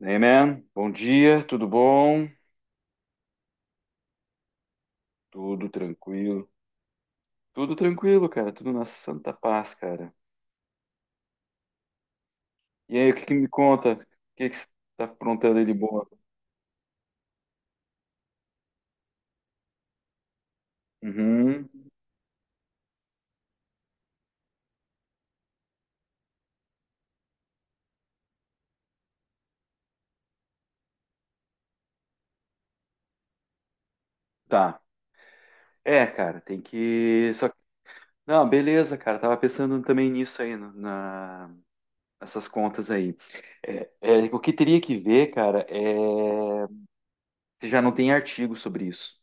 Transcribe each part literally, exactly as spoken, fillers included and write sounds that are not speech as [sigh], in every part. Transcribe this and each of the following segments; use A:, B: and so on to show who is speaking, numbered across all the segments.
A: Hey, bom dia, tudo bom? Tudo tranquilo. Tudo tranquilo, cara, tudo na santa paz, cara. E aí, o que que me conta? O que que você tá aprontando aí de boa? Uhum, tá. É, cara, tem que, só, que- Não, beleza, cara, tava pensando também nisso aí, no- na, nessas contas aí. É, é, o que teria que ver, cara, é. Se já não tem artigo sobre isso.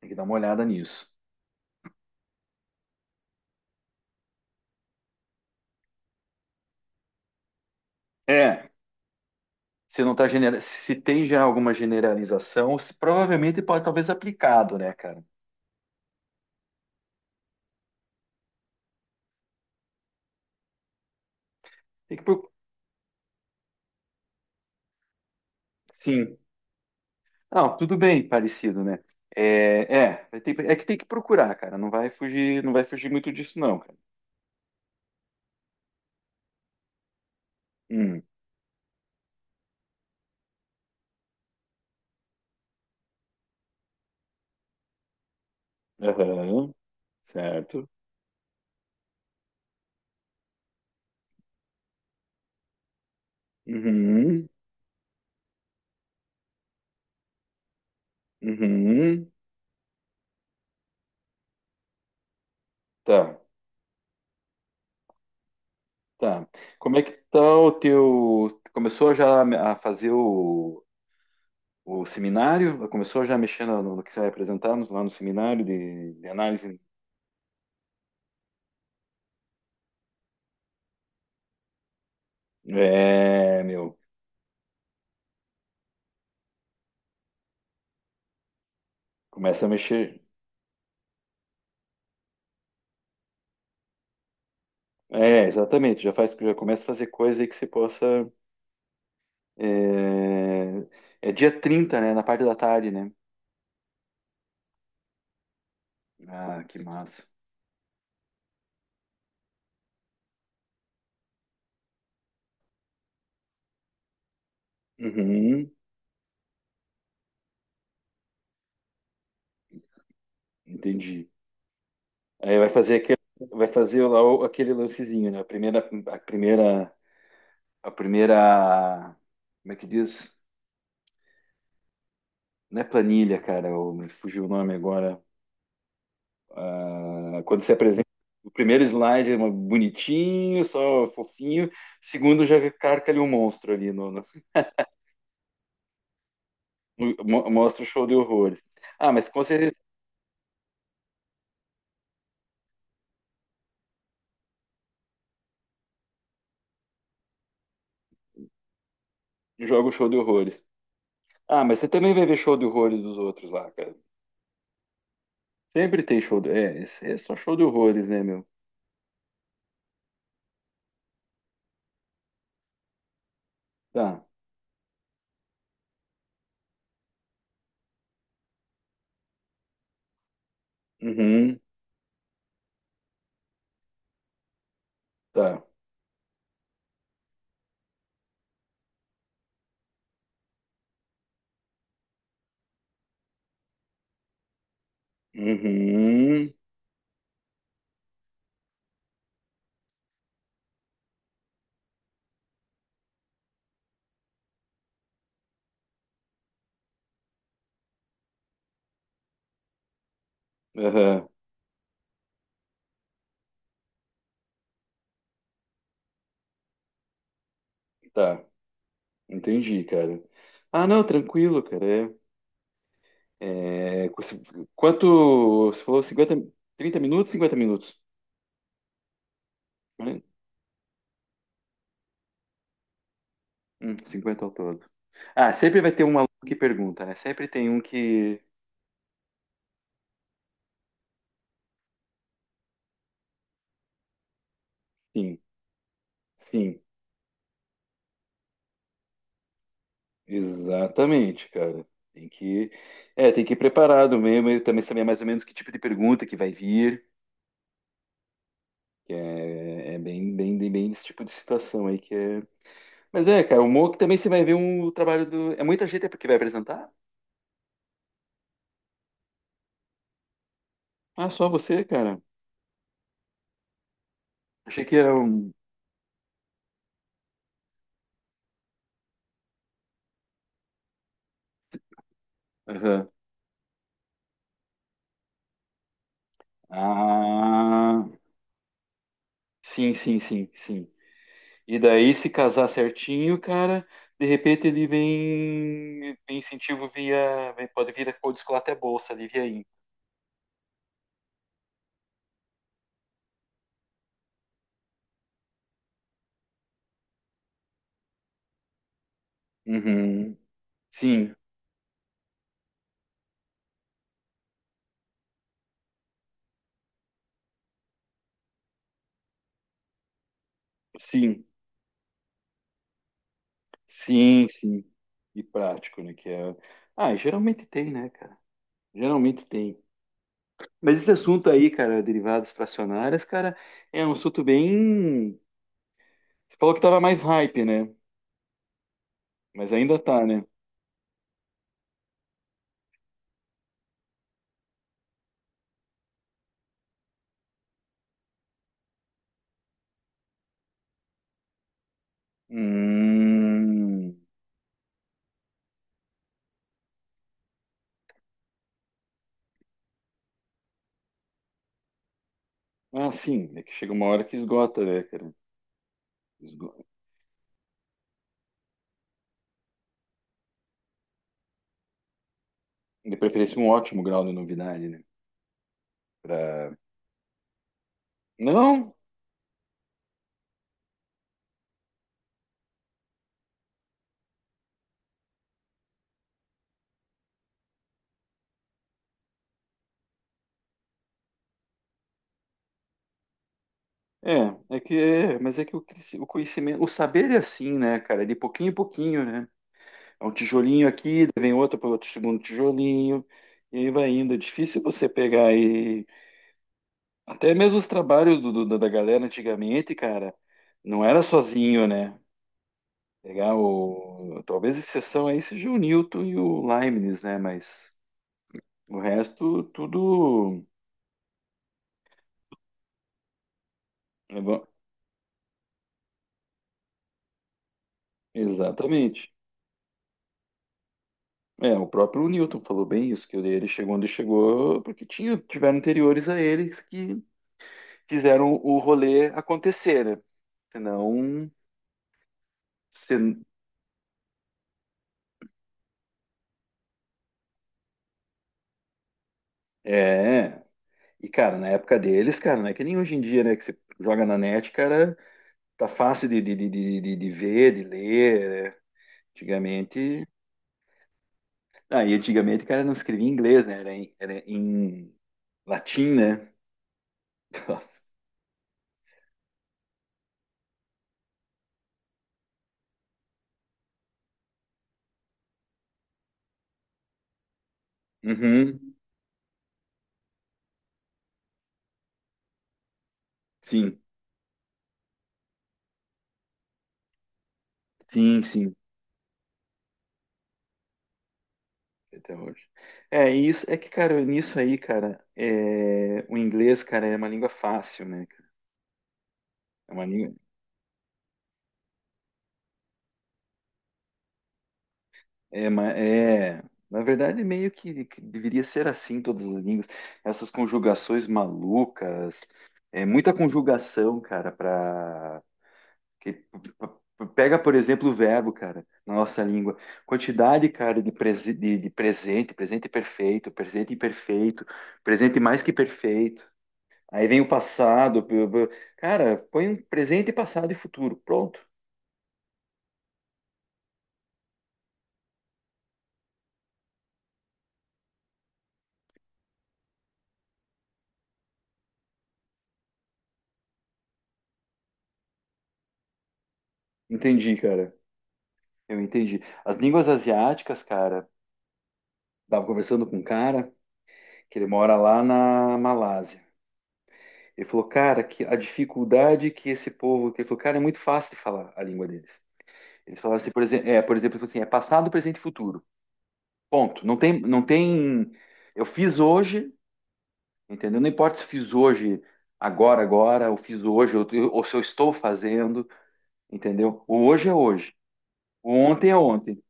A: Tem que dar uma olhada nisso. É, se não tá genera, se tem já alguma generalização, se provavelmente pode talvez aplicado, né, cara? Tem que proc- Sim. Não, tudo bem, parecido, né? É, é, vai ter- é que tem que procurar, cara. Não vai fugir, não vai fugir muito disso, não, cara. Hum, aham, certo. Uhum, uhum, tá, tá. Como é que tá o teu? Começou já a fazer o, o seminário? Começou já mexendo no, no que você vai apresentar no- lá no seminário de, de análise. É, meu, começa a mexer. É, exatamente, já faz, já começa a fazer coisa aí que você possa. É, é dia trinta, né? Na parte da tarde, né? Ah, que massa. Uhum, entendi. Aí vai fazer aquele, vai fazer lá o- aquele lancezinho, né? A primeira, a primeira, a primeira, como é que diz? Não é planilha, cara, eu, me fugiu o nome agora. Ah, quando você apresenta, o primeiro slide é uma- bonitinho, só fofinho, segundo já carca ali um monstro ali, no, no- mo- mostra o show de horrores. Ah, mas com certeza joga o show de horrores. Ah, mas você também vai ver show de horrores dos outros lá, cara. Sempre tem show de. É, esse é só show de horrores, né, meu? Tá. Uhum, tá. Uhum, aham, tá. Entendi, cara. Ah, não, tranquilo, cara. É. É, você- quanto. Você falou cinquenta trinta minutos, cinquenta minutos, né? Hum, cinquenta ao todo. Ah, sempre vai ter um aluno que pergunta, né? Sempre tem um que. Sim, sim, exatamente, cara. Tem que. É, tem que ir preparado mesmo, e também saber mais ou menos que tipo de pergunta que vai vir. Que É, é bem, bem, bem, bem esse tipo de situação aí que é. Mas é, cara, o Mock também você vai ver um trabalho do. É muita gente que vai apresentar? Ah, só você, cara. Achei que era um. Aham. Ah, sim, sim, sim, sim. E daí, se casar certinho, cara, de repente ele vem, tem incentivo via, vem- pode vir a descolar até bolsa ali, via aí. Uhum. Sim, sim, sim, sim. E prático, né? Que é. Ah, e geralmente tem, né, cara? Geralmente tem. Mas esse assunto aí, cara, derivadas fracionárias, cara, é um assunto bem. Você falou que tava mais hype, né? Mas ainda tá, né? Hum. Ah, sim, é que chega uma hora que esgota, né, cara? Esgo- De preferência, um ótimo grau de novidade, né? Pra. Não, é, é que é, mas é que o, cresci- o conhecimento, o saber é assim, né, cara? É de pouquinho em pouquinho, né? É um tijolinho aqui, daí vem outro para outro segundo tijolinho, e aí vai indo. É difícil você pegar e. Até mesmo os trabalhos do, do- da galera antigamente, cara, não era sozinho, né? Pegar o. Talvez exceção aí seja o Newton e o Leibniz, né? Mas. O resto, tudo. É va- exatamente. É, o próprio Newton falou bem isso, que ele chegou onde chegou, porque tinha, tiveram anteriores a eles que fizeram o rolê acontecer, né? Senão. Se. É. E, cara, na época deles, cara, não é que nem hoje em dia, né? Que você joga na net, cara, tá fácil de, de, de, de, de de ver, de ler, né? Antigamente. Ah, e antigamente, cara, não escrevia em inglês, né? Era em, era em latim, né? [laughs] Nossa. Uhum. Sim, sim, sim. Até hoje. É, e isso é que, cara, nisso aí, cara, é, o inglês, cara, é uma língua fácil, né, cara? É uma língua. É, uma- é, na verdade, meio que, que deveria ser assim todas as línguas. Essas conjugações malucas, é muita conjugação, cara, pra. Que, p- p- pega, por exemplo, o verbo, cara, na nossa língua. Quantidade, cara, de, prese- de, de presente, presente perfeito, presente imperfeito, presente mais que perfeito. Aí vem o passado. P- p- Cara, põe um presente, passado e futuro. Pronto. Entendi, cara. Eu entendi. As línguas asiáticas, cara, tava conversando com um cara que ele mora lá na Malásia. Ele falou, cara, que a dificuldade que esse povo. Que ele falou, cara, é muito fácil de falar a língua deles. Eles falaram assim, por exemplo, é, por exemplo, ele falou assim, é passado, presente e futuro. Ponto. Não tem, não tem. Eu fiz hoje, entendeu? Não importa se eu fiz hoje, agora, agora, ou fiz hoje, ou, ou se eu estou fazendo. Entendeu? O hoje é hoje, o ontem é ontem.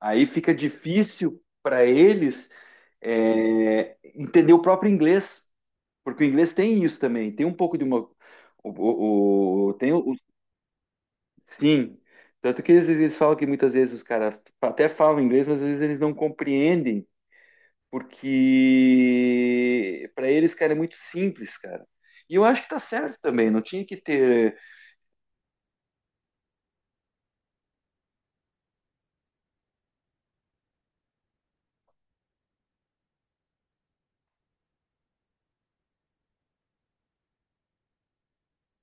A: Aí fica difícil para eles é, entender o próprio inglês, porque o inglês tem isso também, tem um pouco de uma. O, o- o- tem o, o- sim, tanto que eles, eles falam que muitas vezes os caras até falam inglês, mas às vezes eles não compreendem, porque para eles, cara, é muito simples, cara. E eu acho que tá certo também, não tinha que ter.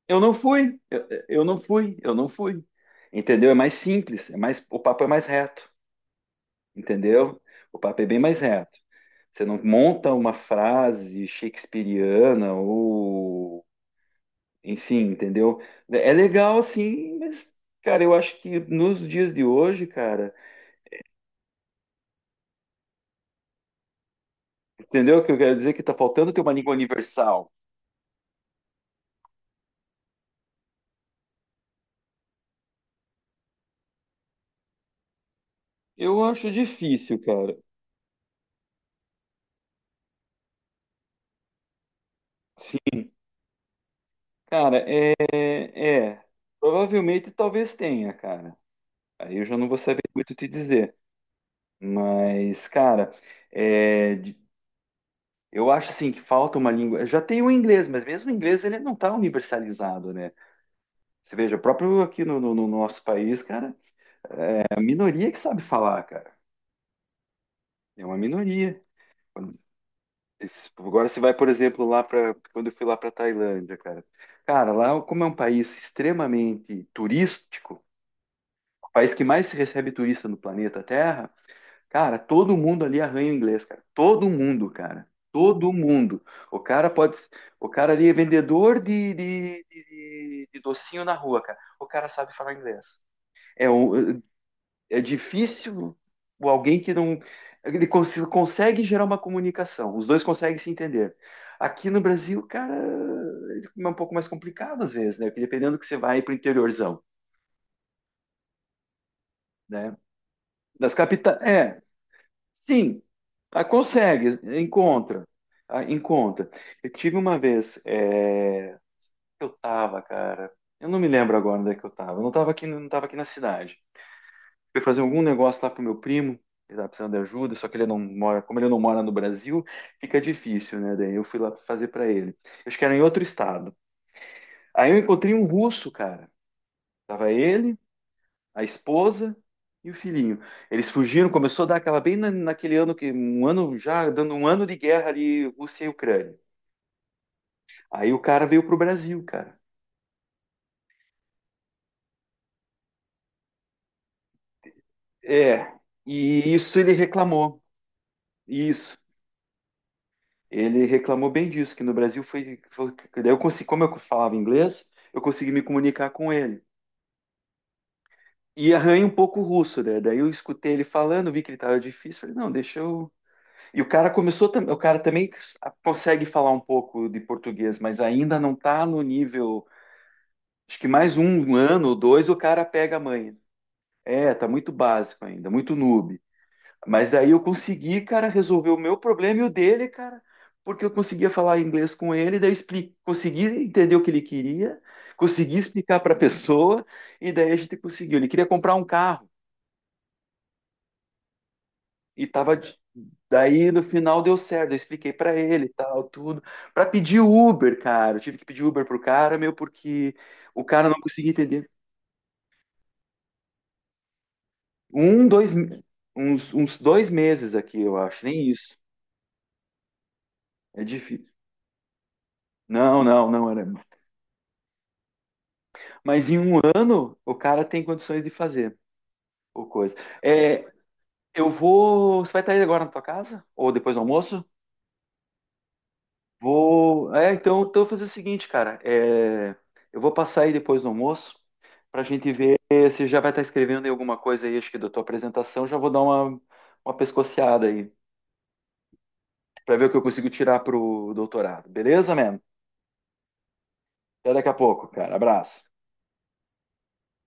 A: Eu não fui, eu, eu não fui, eu não fui. Entendeu? É mais simples, é mais, o papo é mais reto, entendeu? O papo é bem mais reto. Você não monta uma frase shakespeariana ou, enfim, entendeu? É legal assim, mas, cara, eu acho que nos dias de hoje, cara, entendeu o que eu quero dizer? Que tá faltando ter uma língua universal. Eu acho difícil, cara. Sim, cara, é, é, provavelmente talvez tenha, cara. Aí eu já não vou saber muito te dizer. Mas, cara, é, de- eu acho assim que falta uma língua. Já tem o inglês, mas mesmo o inglês ele não está universalizado, né? Você veja, próprio aqui no, no- no nosso país, cara, é a minoria que sabe falar, cara. É uma minoria. Quando- esse- Agora você vai, por exemplo, lá para quando eu fui lá para Tailândia, cara. Cara, lá como é um país extremamente turístico, o país que mais recebe turista no planeta Terra. Cara, todo mundo ali arranha o inglês, cara. Todo mundo, cara. Todo mundo. O cara pode. O cara ali é vendedor de, de, de- de docinho na rua, cara. O cara sabe falar inglês. É, o- é difícil o alguém que não. Ele cons- consegue gerar uma comunicação. Os dois conseguem se entender. Aqui no Brasil, cara, é um pouco mais complicado às vezes, né? Porque dependendo que você vai para o interiorzão, né? Das capitais. É, sim, ah, consegue, encontra, ah, encontra. Eu tive uma vez, é, eu tava, cara, eu não me lembro agora onde é que eu tava, eu não tava aqui, não tava aqui na cidade. Fui fazer algum negócio lá pro meu primo, ele tava precisando de ajuda, só que ele não mora, como ele não mora no Brasil, fica difícil, né? Daí eu fui lá fazer pra ele. Eu acho que era em outro estado. Aí eu encontrei um russo, cara. Tava ele, a esposa e o filhinho. Eles fugiram, começou a dar aquela bem na- naquele ano que um ano já dando um ano de guerra ali Rússia e Ucrânia. Aí o cara veio pro Brasil, cara. É, e isso ele reclamou. Isso. Ele reclamou bem disso, que no Brasil foi, foi- daí eu consegui, como eu falava inglês, eu consegui me comunicar com ele. E arranha um pouco o russo, né? Daí eu escutei ele falando, vi que ele estava difícil, falei, não, deixa eu. E o cara começou, tam- o cara também consegue falar um pouco de português, mas ainda não tá no nível, acho que mais um ano ou dois o cara pega a manha. É, tá muito básico ainda, muito noob. Mas daí eu consegui, cara, resolver o meu problema e o dele, cara, porque eu conseguia falar inglês com ele, daí expli- consegui entender o que ele queria, consegui explicar para a pessoa e daí a gente conseguiu. Ele queria comprar um carro. E tava. De- daí no final deu certo, eu expliquei pra ele e tal, tudo. Pra pedir Uber, cara. Eu tive que pedir Uber pro cara, meu, porque o cara não conseguia entender. Um, dois, me- uns, uns dois meses aqui, eu acho, nem isso. É difícil. Não, não, não era. Mas em um ano, o cara tem condições de fazer o coisa. É, eu vou. Você vai estar aí agora na tua casa? Ou depois do almoço? Vou. É, então, então eu vou fazer o seguinte, cara. É, eu vou passar aí depois do almoço para a gente ver se já vai estar escrevendo aí alguma coisa aí, acho que da tua apresentação. Já vou dar uma, uma pescoceada aí para ver o que eu consigo tirar pro doutorado. Beleza, man? Até daqui a pouco, cara. Abraço.